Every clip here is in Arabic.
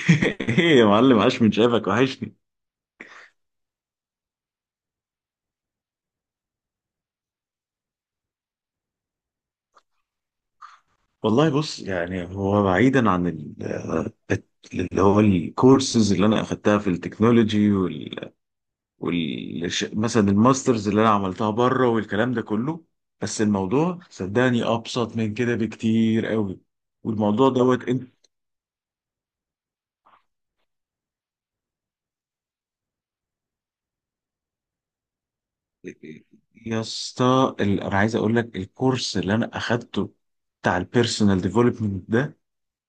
ايه يا معلم، عاش من شافك، وحشني. والله بص، يعني هو بعيدا عن اللي هو الكورسز اللي انا اخدتها في التكنولوجي مثلا الماسترز اللي انا عملتها بره والكلام ده كله. بس الموضوع صدقني ابسط من كده بكتير قوي. والموضوع دوت انت يا اسطى، انا عايز اقول لك الكورس اللي انا اخدته بتاع البيرسونال ديفلوبمنت ده،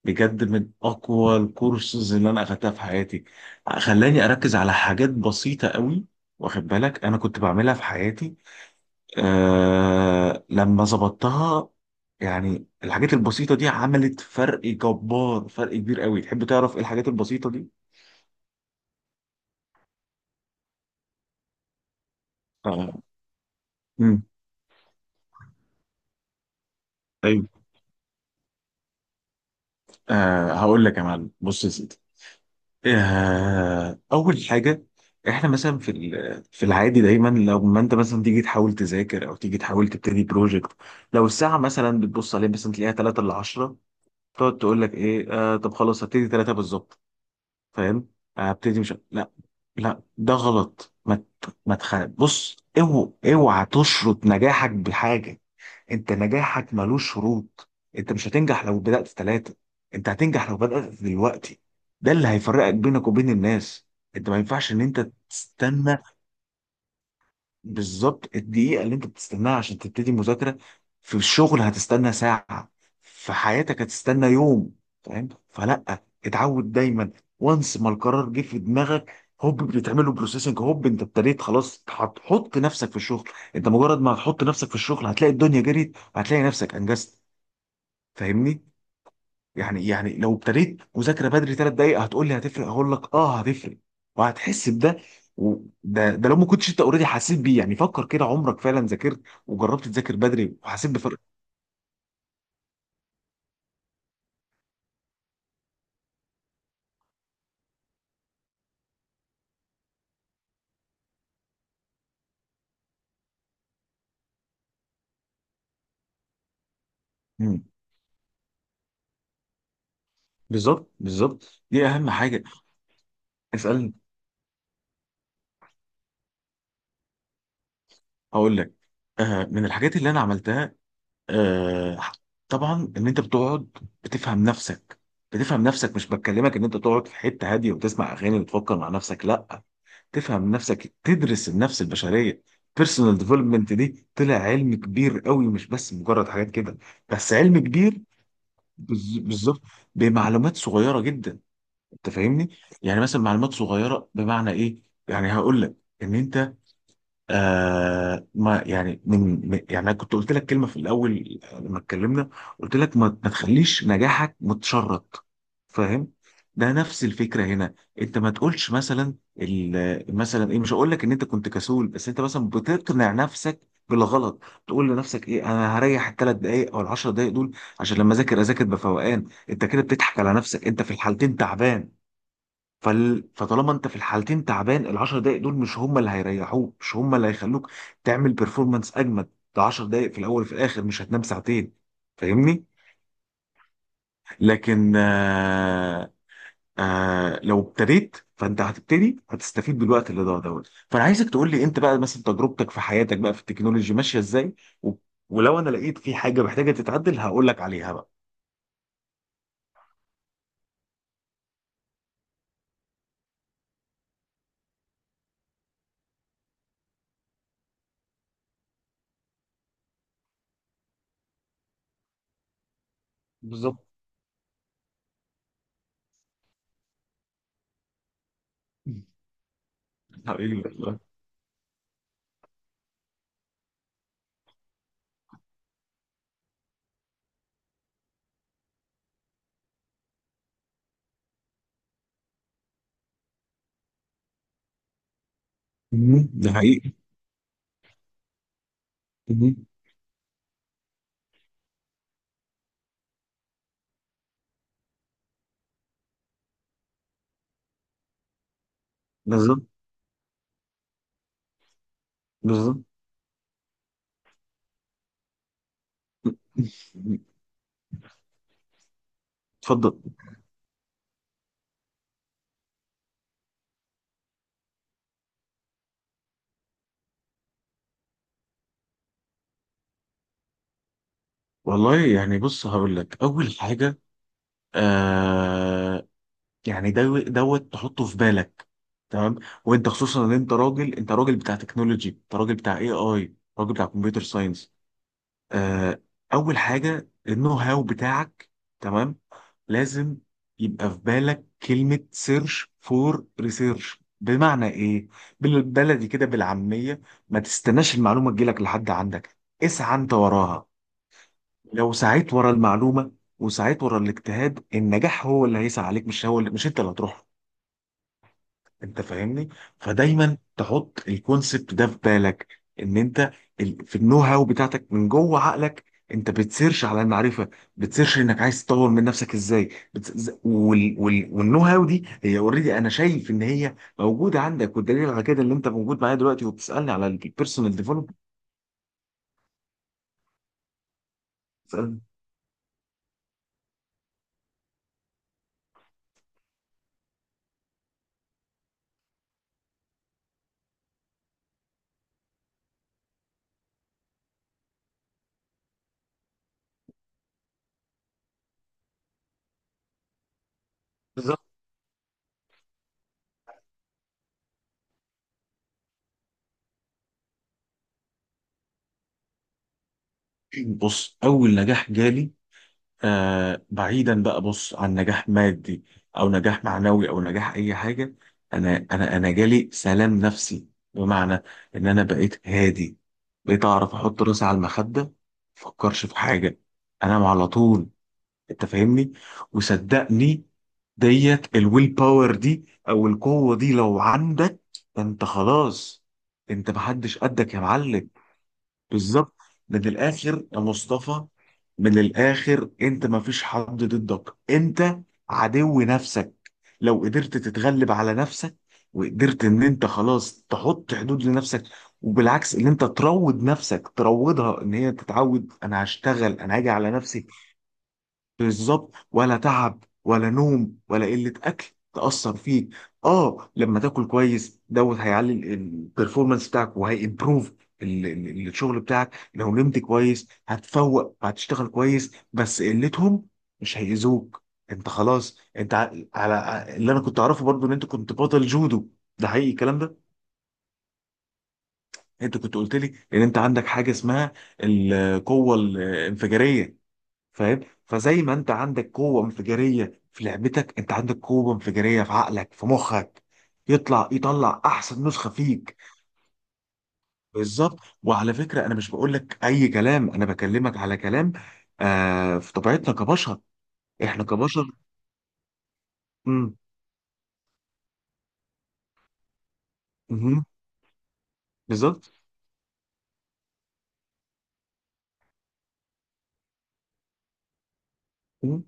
بجد من اقوى الكورسز اللي انا اخدتها في حياتي. خلاني اركز على حاجات بسيطه قوي، واخد بالك، انا كنت بعملها في حياتي آه لما ظبطتها. يعني الحاجات البسيطه دي عملت فرق جبار، فرق كبير قوي. تحب تعرف ايه الحاجات البسيطه دي؟ آه. مم. طيب، آه هقول لك يا معلم، بص يا سيدي، آه، أول حاجة: إحنا مثلا في في العادي، دايما لو ما أنت مثلا تيجي تحاول تذاكر أو تيجي تحاول تبتدي بروجكت، لو الساعة مثلا بتبص عليها مثلا تلاقيها 3 ل 10، تقعد تقول لك إيه، آه طب خلاص هبتدي 3 بالظبط. فاهم؟ هبتدي، مش، لا لا، ده غلط. ما ت- ما تخ... بص، اوعى اوعى تشرط نجاحك بحاجة. انت نجاحك ملوش شروط. انت مش هتنجح لو بدأت في 3، انت هتنجح لو بدأت دلوقتي. ده اللي هيفرقك بينك وبين الناس. انت ما ينفعش ان انت تستنى. بالظبط الدقيقة اللي انت بتستناها عشان تبتدي مذاكرة، في الشغل هتستنى ساعة، في حياتك هتستنى يوم. فاهم؟ فلا، اتعود دايما، وانس ما القرار جه في دماغك، هوب بتعمله بروسيسنج، هوب انت ابتديت، خلاص هتحط نفسك في الشغل. انت مجرد ما هتحط نفسك في الشغل هتلاقي الدنيا جريت، وهتلاقي نفسك انجزت. فاهمني؟ يعني لو ابتديت مذاكره بدري 3 دقائق، هتقول لي هتفرق؟ هقول لك اه هتفرق، وهتحس بده. وده ده ده لو ما كنتش انت اوريدي حسيت بيه، يعني فكر كده، عمرك فعلا ذاكرت وجربت تذاكر بدري وحسيت بفرق؟ مم. بالظبط بالظبط، دي اهم حاجه. اسالني هقول لك. آه، من الحاجات اللي انا عملتها، آه، طبعا ان انت بتقعد بتفهم نفسك. بتفهم نفسك، مش بكلمك ان انت تقعد في حته هاديه وتسمع اغاني وتفكر مع نفسك، لا. تفهم نفسك، تدرس النفس البشريه. بيرسونال ديفلوبمنت دي طلع علم كبير قوي، مش بس مجرد حاجات كده. بس علم كبير، بالظبط، بمعلومات صغيره جدا. انت فاهمني؟ يعني مثلا معلومات صغيره بمعنى ايه يعني؟ هقول لك. ان انت، ما يعني يعني انا كنت قلت لك كلمه في الاول لما اتكلمنا، قلت لك ما تخليش نجاحك متشرط. فاهم؟ ده نفس الفكره هنا. انت ما تقولش مثلا، مثلا ايه، مش هقول لك ان انت كنت كسول، بس انت مثلا بتقنع نفسك بالغلط. تقول لنفسك ايه، انا هريح الثلاث دقائق او العشر دقائق دول عشان لما اذاكر اذاكر بفوقان. انت كده بتضحك على نفسك، انت في الحالتين تعبان. فطالما انت في الحالتين تعبان، العشر دقايق دول مش هم اللي هيريحوك، مش هم اللي هيخلوك تعمل بيرفورمانس اجمد. ده عشر دقايق في الاول وفي الاخر، مش هتنام ساعتين. فاهمني؟ لكن لو ابتديت فانت هتبتدي هتستفيد بالوقت اللي ضاع دوت. فانا عايزك تقول لي انت بقى مثلا تجربتك في حياتك بقى في التكنولوجي ماشيه ازاي، و... ولو انا لقيت في حاجه محتاجه تتعدل هقول لك عليها بقى. بالظبط. حقيقي والله. مم. ده حقيقي. مم. بالظبط بالظبط. اتفضل. والله يعني بص هقول لك اول حاجه. آه، يعني دوت تحطه في بالك. تمام؟ وانت خصوصا ان انت راجل، انت راجل بتاع تكنولوجي، انت راجل بتاع اي اي، راجل بتاع كمبيوتر ساينس. آه، اول حاجه النو هاو بتاعك. تمام؟ لازم يبقى في بالك كلمه سيرش فور ريسيرش. بمعنى ايه؟ بالبلدي كده، بالعاميه، ما تستناش المعلومه تجيلك لحد عندك، اسعى انت وراها. لو سعيت ورا المعلومه وسعيت ورا الاجتهاد، النجاح هو اللي هيسعى عليك، مش انت اللي هتروح له. انت فاهمني؟ فدايما تحط الكونسبت ده في بالك، ان انت، في النو هاو بتاعتك من جوه عقلك، انت بتسيرش على المعرفه، بتسيرش انك عايز تطور من نفسك ازاي. بت... ز- وال... وال... والنو هاو دي هي اوريدي انا شايف ان هي موجوده عندك، والدليل على كده اللي انت موجود معايا دلوقتي وبتسالني على البيرسونال ديفلوبمنت. بتسالني، بالظبط. بص، اول نجاح جالي، آه بعيدا بقى، بص، عن نجاح مادي او نجاح معنوي او نجاح اي حاجه، انا جالي سلام نفسي. بمعنى ان انا بقيت هادي، بقيت اعرف احط راسي على المخده ما افكرش في حاجه، انام على طول. انت فاهمني؟ وصدقني، ديت الويل باور دي او القوه دي لو عندك، انت خلاص، انت محدش قدك يا معلم. بالظبط. من الاخر يا مصطفى، من الاخر انت ما فيش حد ضدك، انت عدو نفسك. لو قدرت تتغلب على نفسك وقدرت ان انت خلاص تحط حدود لنفسك، وبالعكس ان انت تروض نفسك، تروضها ان هي تتعود، انا هشتغل، انا هاجي على نفسي. بالظبط، ولا تعب ولا نوم ولا قلة أكل تأثر فيك. اه، لما تاكل كويس دوت هيعلي البرفورمانس بتاعك وهيمبروف الشغل بتاعك، لو نمت كويس هتفوق وهتشتغل كويس. بس قلتهم مش هيأذوك. انت خلاص. انت على اللي انا كنت اعرفه برضو، ان انت كنت بطل جودو، ده حقيقي الكلام ده. انت كنت قلت لي ان انت عندك حاجة اسمها القوة الانفجارية، فاهم؟ فزي ما انت عندك قوه انفجاريه في لعبتك، انت عندك قوه انفجاريه في عقلك، في مخك، يطلع احسن نسخه فيك. بالظبط. وعلى فكره انا مش بقول لك اي كلام، انا بكلمك على كلام. آه، في طبيعتنا كبشر، احنا كبشر. امم، امم، بالظبط. مم.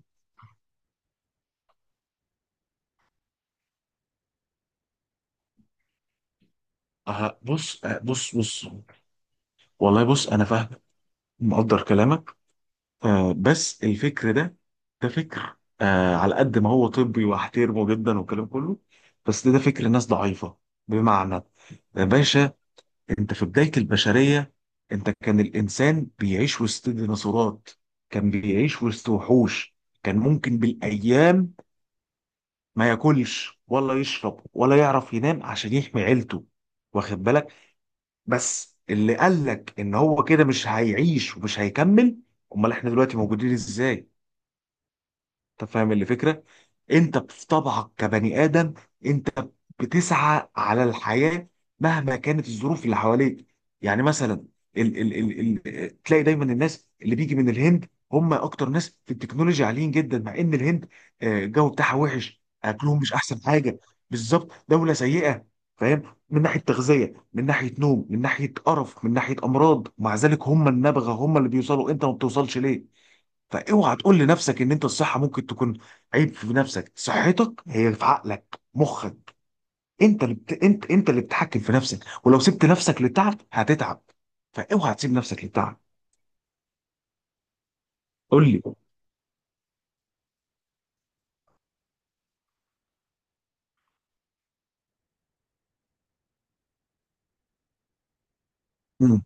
آه بص آه بص بص والله بص، انا فاهم، مقدر كلامك. آه بس الفكر ده، ده فكر آه على قد ما هو طبي واحترمه جدا والكلام كله، بس ده فكر ناس ضعيفة. بمعنى، يا باشا، انت في بداية البشرية، انت كان الانسان بيعيش وسط ديناصورات، كان بيعيش وسط وحوش، كان ممكن بالايام ما ياكلش ولا يشرب ولا يعرف ينام عشان يحمي عيلته. واخد بالك؟ بس اللي قال لك ان هو كده مش هيعيش ومش هيكمل؟ امال احنا دلوقتي موجودين ازاي؟ انت فاهم الفكره؟ انت في طبعك كبني ادم، انت بتسعى على الحياه مهما كانت الظروف اللي حواليك. يعني مثلا ال ال ال ال تلاقي دايما الناس اللي بيجي من الهند هم اكتر ناس في التكنولوجيا عاليين جدا، مع ان الهند آه، الجو بتاعها وحش، اكلهم مش احسن حاجه. بالظبط، دوله سيئه. فاهم؟ من ناحيه تغذيه، من ناحيه نوم، من ناحيه قرف، من ناحيه امراض، مع ذلك هم النبغه، هم اللي بيوصلوا. انت ما بتوصلش ليه؟ فاوعى تقول لنفسك ان انت الصحه ممكن تكون عيب في نفسك. صحتك هي في عقلك، مخك، انت اللي بتتحكم في نفسك، ولو سبت نفسك للتعب هتتعب. فاوعى تسيب نفسك للتعب. قول لي. مم.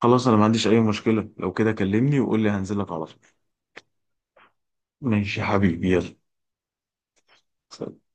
خلاص انا ما عنديش اي مشكله، لو كده كلمني وقول لي هنزل لك على طول. ماشي يا حبيبي، يلا، سلام.